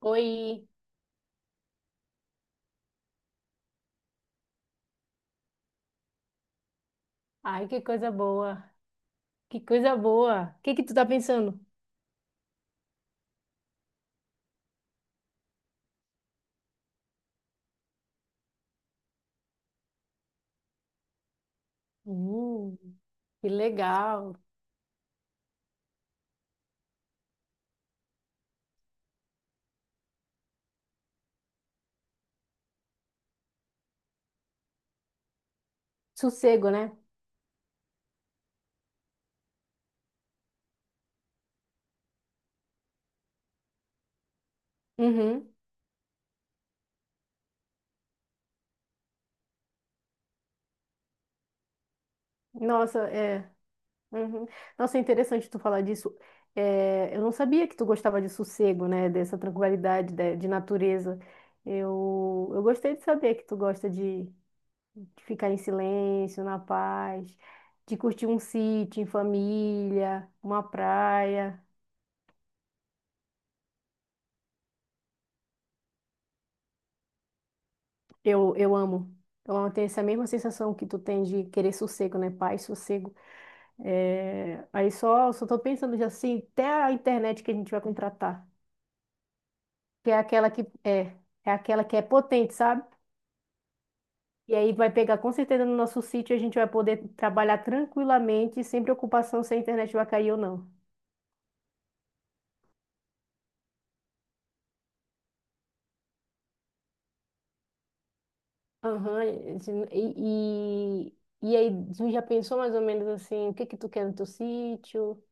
Oi. Ai, que coisa boa. Que coisa boa. O que que tu tá pensando? Hum, que legal. Sossego, né? Uhum. Nossa, é. Uhum. Nossa, é interessante tu falar disso. É, eu não sabia que tu gostava de sossego, né? Dessa tranquilidade, de natureza. Eu gostei de saber que tu gosta de ficar em silêncio, na paz, de curtir um sítio em família, uma praia. Eu amo. Então, eu amo ter essa mesma sensação que tu tem de querer sossego, né? Paz, sossego. É, aí só tô pensando já assim, até a internet que a gente vai contratar, que é aquela que é, é aquela que é potente, sabe? E aí vai pegar com certeza no nosso sítio, a gente vai poder trabalhar tranquilamente, sem preocupação se a internet vai cair ou não. Aham, e, e, e aí tu já pensou mais ou menos assim, o que que tu quer no teu sítio?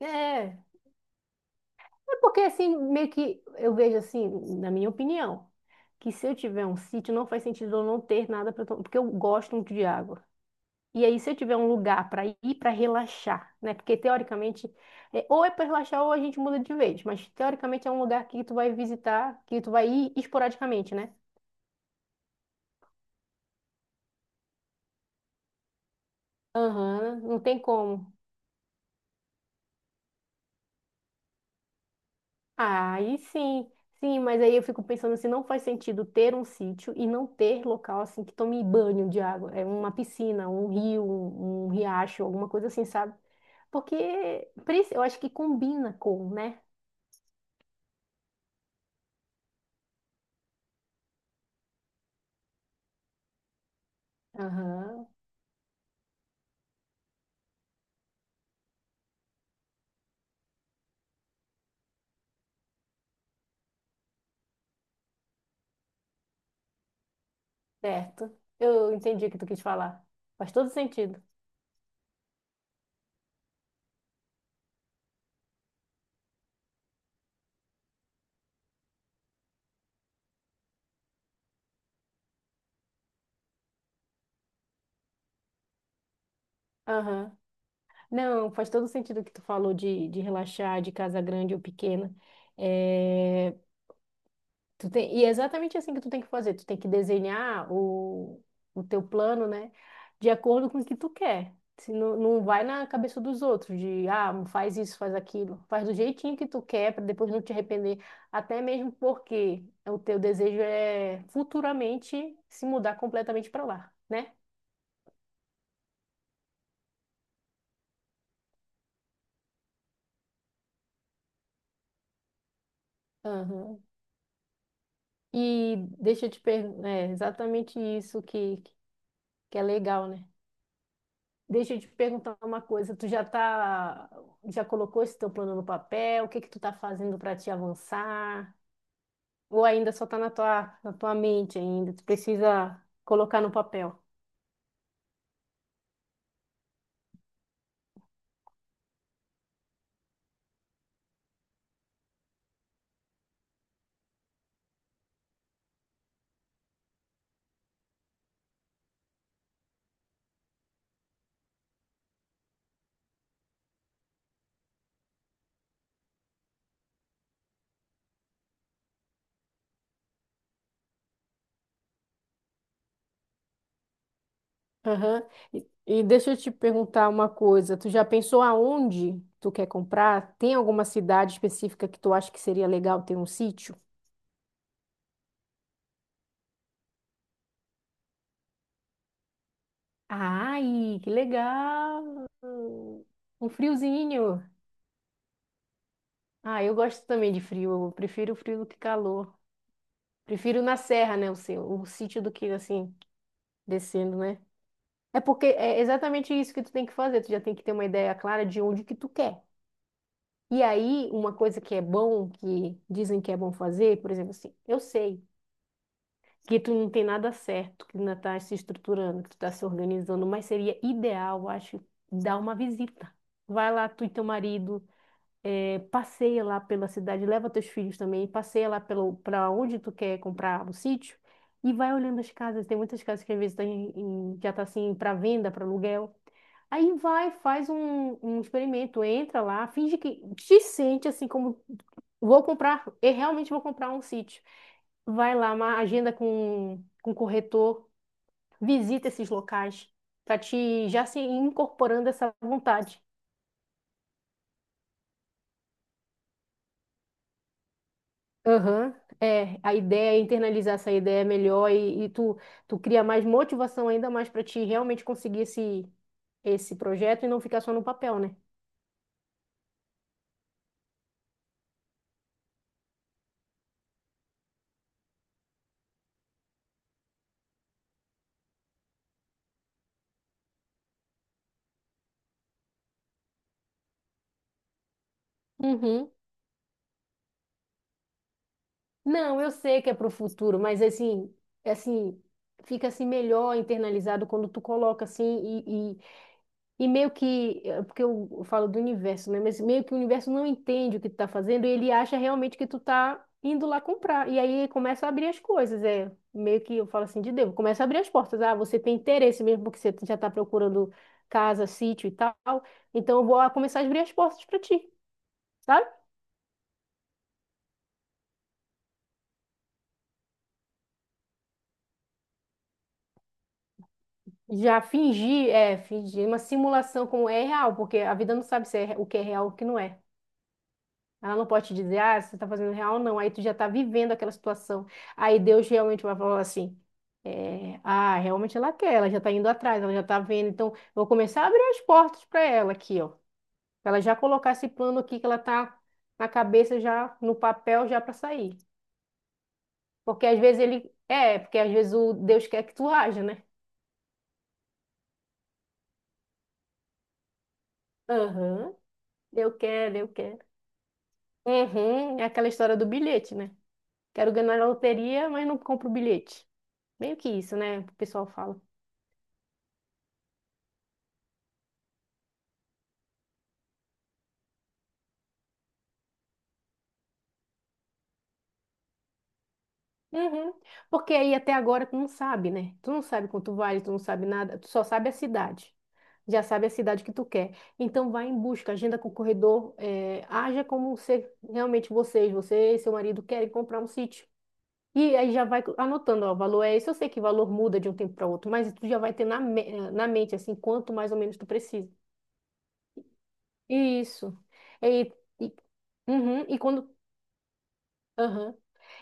É, É, porque assim, meio que eu vejo assim, na minha opinião, que se eu tiver um sítio, não faz sentido eu não ter nada para tomar, porque eu gosto muito de água. E aí, se eu tiver um lugar para ir para relaxar, né? Porque teoricamente, ou é para relaxar ou a gente muda de vez, mas teoricamente é um lugar que tu vai visitar, que tu vai ir esporadicamente, né? Aham, não tem como. Ah, aí sim, sim, mas aí eu fico pensando se não faz sentido ter um sítio e não ter local assim que tome banho de água, é uma piscina, um rio, um riacho, alguma coisa assim, sabe? Porque preci- eu acho que combina com, né? Aham, certo. Eu entendi o que tu quis falar. Faz todo sentido. Aham. Não, faz todo sentido o que tu falou de relaxar, de casa grande ou pequena. Eh, Tu tem, e é exatamente assim que tu tem que fazer. Tu tem que desenhar o teu plano, né? De acordo com o que tu quer. Se não, não vai na cabeça dos outros, de ah, faz isso, faz aquilo. Faz do jeitinho que tu quer, para depois não te arrepender. Até mesmo porque o teu desejo é futuramente se mudar completamente para lá, né? Aham. E deixa eu te perguntar, é exatamente isso que é legal, né? Deixa eu te perguntar uma coisa, já colocou esse teu plano no papel? O que que tu tá fazendo para te avançar? Ou ainda só tá na tua mente ainda, tu precisa colocar no papel. Aham. E deixa eu te perguntar uma coisa, tu já pensou aonde tu quer comprar? Tem alguma cidade específica que tu acha que seria legal ter um sítio? Ai, que legal! Um friozinho. Ah, eu gosto também de frio, eu prefiro o frio do que calor. Prefiro na serra, né? O seu, o sítio do que assim, descendo, né? É porque é exatamente isso que tu tem que fazer. Tu já tem que ter uma ideia clara de onde que tu quer. E aí, uma coisa que é bom, que dizem que é bom fazer, por exemplo, assim, eu sei que tu não tem nada certo, que ainda tá se estruturando, que tu tá se organizando, mas seria ideal, eu acho, dar uma visita. Vai lá, tu e teu marido. É, passeia lá pela cidade, leva teus filhos também, passeia lá pelo para onde tu quer comprar o sítio e vai olhando as casas. Tem muitas casas que às vezes tá em, em- já tá assim para venda, para aluguel. Aí vai, faz um, um experimento, entra lá, finge que te sente assim como vou comprar, eu realmente vou comprar um sítio. Vai lá, uma agenda com o corretor, visita esses locais para te já se incorporando essa vontade. Aham, é, a ideia é internalizar essa ideia melhor e tu cria mais motivação ainda mais para ti realmente conseguir esse, esse projeto e não ficar só no papel, né? Uhum. Não, eu sei que é para o futuro, mas assim, assim, fica assim melhor internalizado quando tu coloca assim. E meio que, porque eu falo do universo, né? Mas meio que o universo não entende o que tu tá fazendo e ele acha realmente que tu tá indo lá comprar. E aí começa a abrir as coisas, é. Meio que eu falo assim de Deus, começa a abrir as portas. Ah, você tem interesse mesmo porque você já tá procurando casa, sítio e tal. Então eu vou ah, começar a abrir as portas para ti, sabe? Já fingir, é, fingir uma simulação como é real, porque a vida não sabe se é re- o que é real ou o que não é. Ela não pode te dizer, ah, você está fazendo real, não. Aí tu já está vivendo aquela situação. Aí Deus realmente vai falar assim, é, ah, realmente ela quer, ela já está indo atrás, ela já está vendo. Então, eu vou começar a abrir as portas para ela aqui, ó. Pra ela já colocar esse plano aqui que ela tá na cabeça, já no papel, já para sair. Porque às vezes ele... É, porque às vezes o Deus quer que tu haja, né? Aham, eu quero, eu quero. Uhum, é aquela história do bilhete, né? Quero ganhar na loteria, mas não compro o bilhete. Meio que isso, né? O pessoal fala. Uhum. Porque aí até agora tu não sabe, né? Tu não sabe quanto vale, tu não sabe nada, tu só sabe a cidade. Já sabe a cidade que tu quer. Então vai em busca, agenda com o corredor, haja como se realmente vocês, você e seu marido querem comprar um sítio. E aí já vai anotando, ó, o valor é esse, eu sei que o valor muda de um tempo para outro, mas tu já vai ter na, me- na mente, assim, quanto mais ou menos tu precisa. Isso. E, e, uhum. E quando Aham.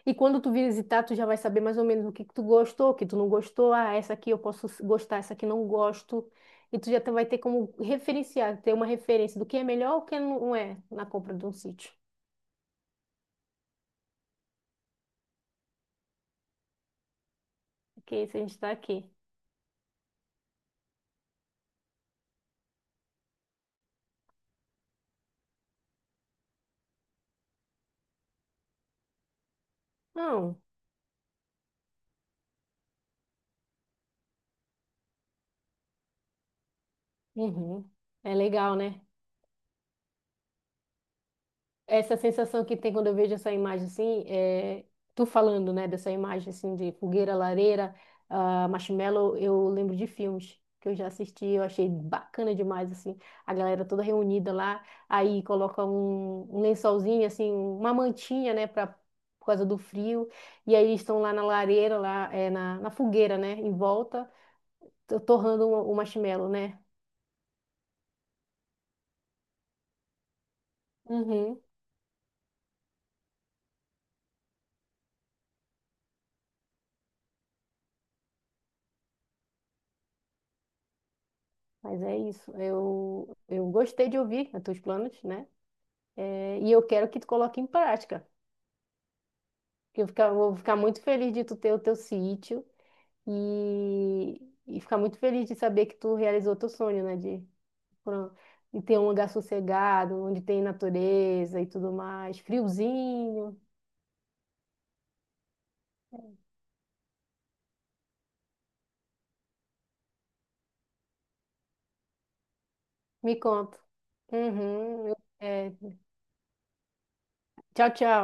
E quando tu visitar, tu já vai saber mais ou menos o que que tu gostou, o que tu não gostou. Ah, essa aqui eu posso s- gostar, essa aqui não gosto. E tu já tá- vai ter como referenciar, ter uma referência do que é melhor ou o que não é na compra de um sítio. Porque se a gente tá aqui. Não. Uhum. É legal, né? Essa sensação que tem quando eu vejo essa imagem assim, é, tu falando, né, dessa imagem assim de fogueira, lareira, ah, marshmallow, eu lembro de filmes que eu já assisti, eu achei bacana demais assim, a galera toda reunida lá, aí coloca um, um lençolzinho assim, uma mantinha, né, para por causa do frio, e aí eles estão lá na lareira, lá é, na, na fogueira, né, em volta, to- torrando o marshmallow, né? Uhum. Mas é isso, eu gostei de ouvir os teus planos, né? É, e eu quero que tu coloque em prática. Porque eu fica- vou ficar muito feliz de tu ter o teu sítio e, e ficar muito feliz de saber que tu realizou teu sonho, né? De, pro- de ter um lugar sossegado, onde tem natureza e tudo mais, friozinho. Me conta. Uhum, eu- é, tchau, tchau.